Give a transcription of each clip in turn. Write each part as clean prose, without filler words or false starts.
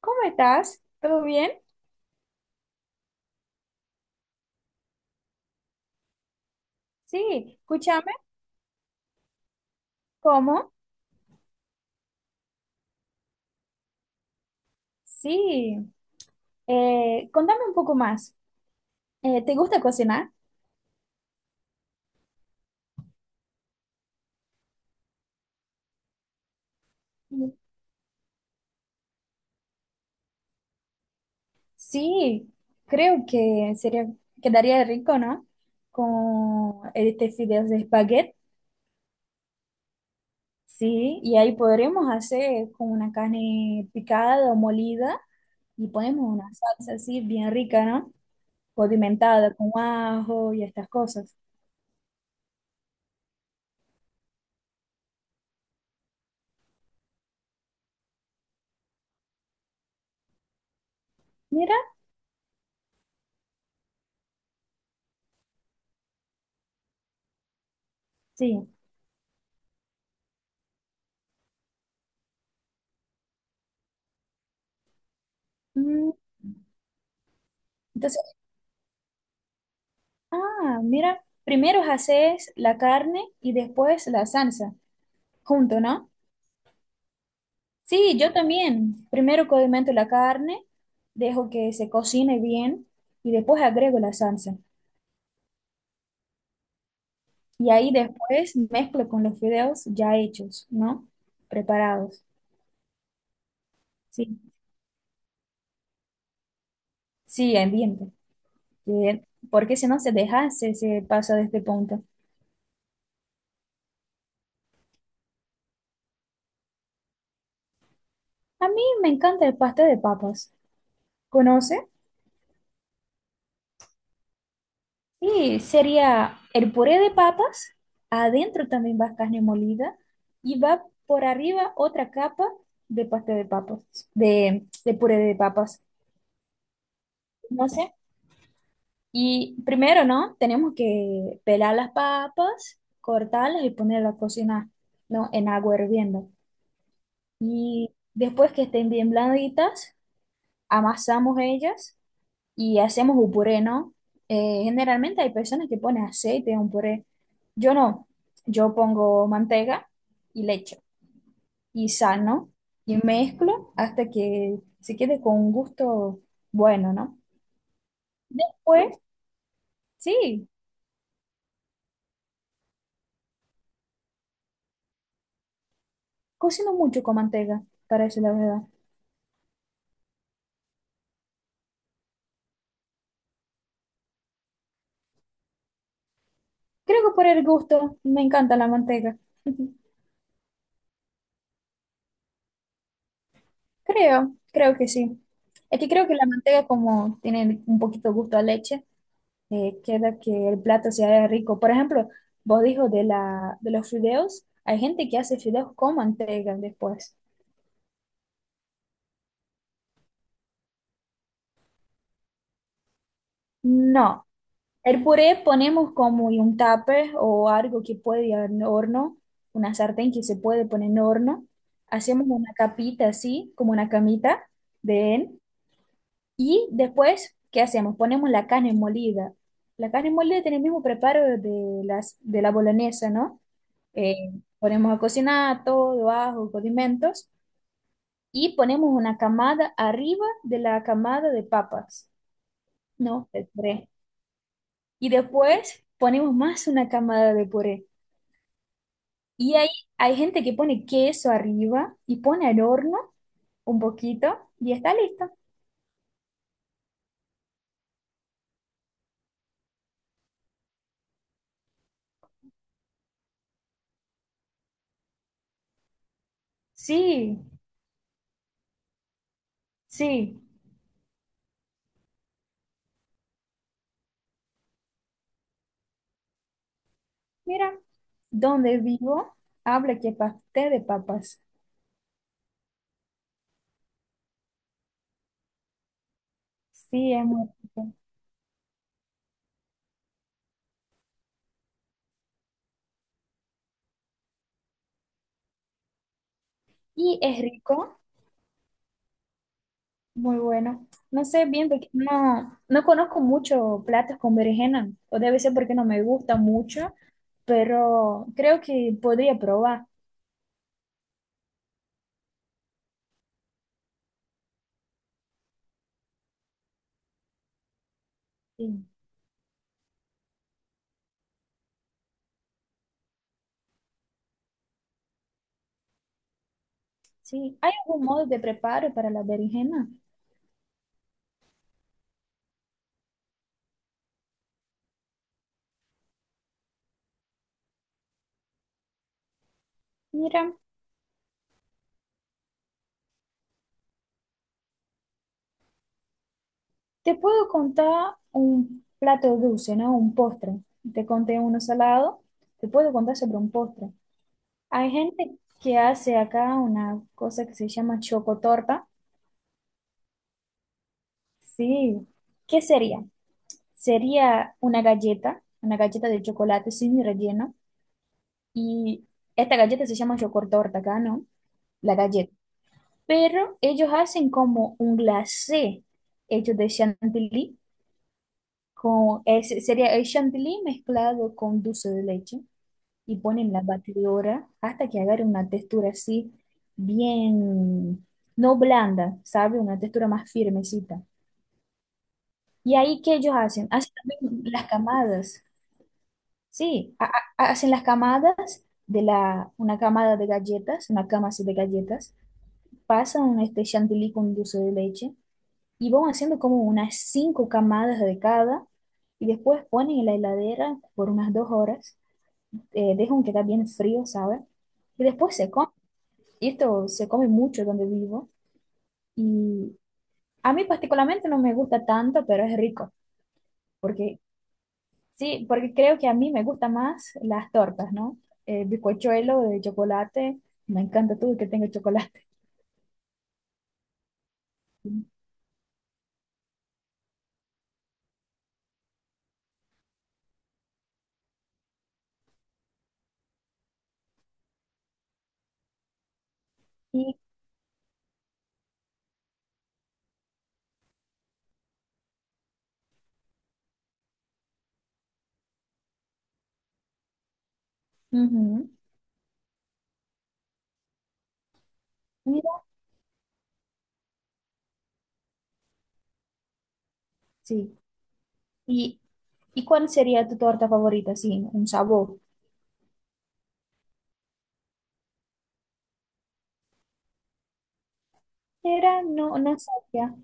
¿Cómo estás? ¿Todo bien? Sí, escúchame. ¿Cómo? Sí. Contame un poco más. ¿Te gusta cocinar? Sí, sí, creo que sería, quedaría rico, ¿no? Con este fideos de espagueti. Sí, y ahí podremos hacer con una carne picada o molida y ponemos una salsa así bien rica, ¿no? Condimentada con ajo y estas cosas. Mira, sí. Mm, Entonces. Ah, mira, primero haces la carne y después la salsa, junto, ¿no? Sí, yo también. Primero condimento la carne, dejo que se cocine bien y después agrego la salsa. Y ahí después mezclo con los fideos ya hechos, ¿no? Preparados. Sí, sí, ambiente. Bien, porque si no se deja, se pasa de este punto. A mí me encanta el pastel de papas. ¿Conoce? Sí, sería el puré de papas, adentro también va carne molida y va por arriba otra capa de pastel de papas, de puré de papas. No sé. Y primero, ¿no? Tenemos que pelar las papas, cortarlas y ponerlas a cocinar, ¿no? En agua hirviendo. Y después que estén bien blanditas, amasamos ellas y hacemos un puré, ¿no? Generalmente hay personas que ponen aceite en un puré. Yo no. Yo pongo manteca y leche y sal, ¿no? Y mezclo hasta que se quede con un gusto bueno, ¿no? Después, sí, cocino mucho con manteca, para decir la verdad. Creo que por el gusto me encanta la manteca. Creo que sí. Es que creo que la manteca como tiene un poquito gusto a leche, queda que el plato sea rico. Por ejemplo, vos dijo de los fideos, hay gente que hace fideos con manteiga después. No, el puré ponemos como en un tupper o algo que puede ir en horno, una sartén que se puede poner en horno. Hacemos una capita así, como una camita de él. Y después, ¿qué hacemos? Ponemos la carne molida. La carne molida tiene el mismo preparo de la boloñesa, ¿no? Eh, Ponemos a cocinar todo, ajo, condimentos y ponemos una camada arriba de la camada de papas, ¿no? De puré. Y después ponemos más una camada de puré. Y ahí hay gente que pone queso arriba y pone al horno un poquito y está listo. Sí, sí. Mira, donde vivo habla que pastel de papas. Sí, es muy rico. Y es rico. Muy bueno. No sé bien porque no conozco mucho platos con berenjena, o debe ser porque no me gusta mucho, pero creo que podría probar. Sí, sí. ¿Hay algún modo de preparo para la berenjena? Mira, te puedo contar un plato dulce, ¿no? Un postre. Te conté uno salado, te puedo contar sobre un postre. Hay gente que hace acá una cosa que se llama chocotorta. Sí. ¿Qué sería? Sería una galleta de chocolate sin relleno. Y esta galleta se llama chocotorta acá, ¿no? La galleta. Pero ellos hacen como un glacé hecho de chantilly. Ese sería el chantilly mezclado con dulce de leche. Y ponen la batidora hasta que agarre una textura así bien, no blanda, ¿sabe? Una textura más firmecita. Y ahí, ¿qué ellos hacen? Hacen también las camadas. Sí, hacen las camadas una camada de galletas, una cama así de galletas, pasan este chantilly con dulce de leche y van haciendo como unas cinco camadas de cada y después ponen en la heladera por unas 2 horas, dejan que está bien frío, ¿sabes? Y después se come. Y esto se come mucho donde vivo y a mí particularmente no me gusta tanto, pero es rico porque sí, porque creo que a mí me gustan más las tortas, ¿no? El bizcochuelo de chocolate, me encanta todo que tenga chocolate. Y, ujú, mira, sí. ¿Y, y cuál sería tu torta favorita? Sí, un sabor. Era, no, no sabía.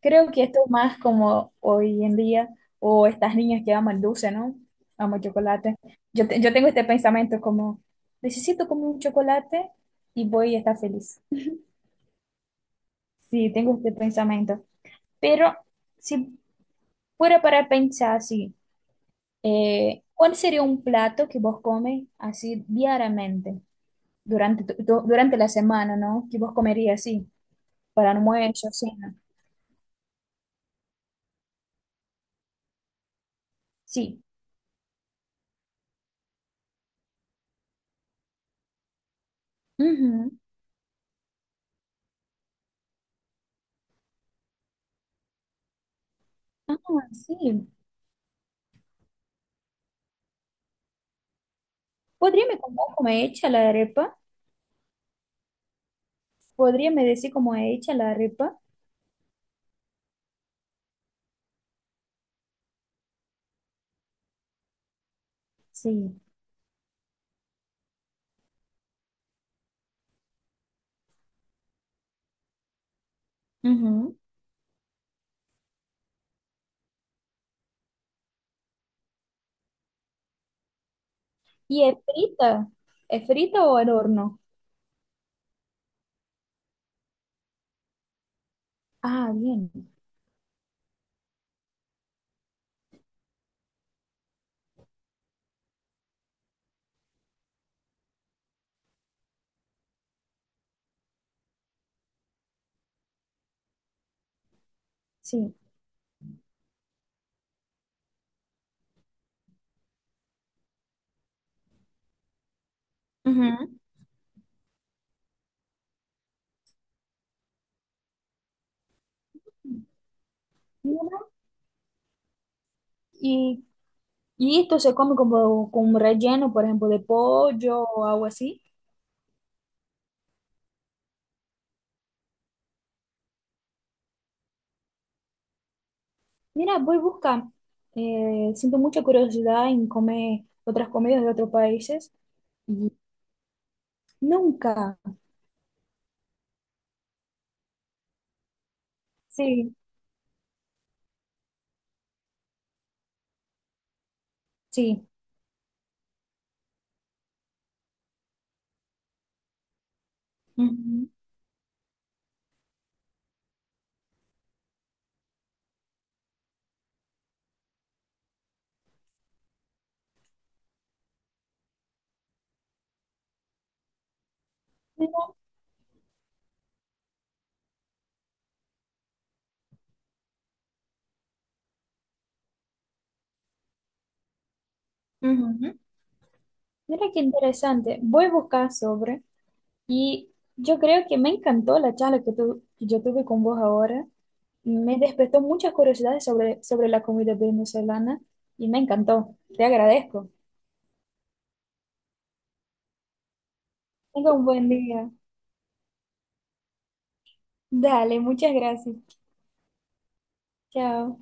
Creo que esto es más como hoy en día, o estas niñas que aman dulce, ¿no? Aman chocolate. Yo tengo este pensamiento como, necesito como un chocolate y voy a estar feliz. Sí, tengo este pensamiento. Pero si fuera para pensar así, ¿cuál sería un plato que vos comes así diariamente durante la semana, ¿no? Que vos comerías así para almuerzo, cena. Sí. Ujú. Ah, sí. ¿Podría me contar cómo es hecha la arepa? ¿Podría me decir cómo es hecha la arepa? Sí. Ujú. ¿Y es frita? ¿Es frita o al horno? Ah, bien. Sí. Ujú. Mira, ¿Y Y esto se come como con un relleno, por ejemplo, de pollo o algo así. Mira, voy a buscar. Siento mucha curiosidad en comer otras comidas de otros países. Y nunca. Sí, sí. Ujú. Mira, ujú. Mira qué interesante. Voy a buscar sobre. Y yo creo que me encantó la charla que yo tuve con vos ahora. Me despertó muchas curiosidades sobre la comida venezolana y me encantó. Te agradezco. Tenga un buen día. Dale, muchas gracias. Chao.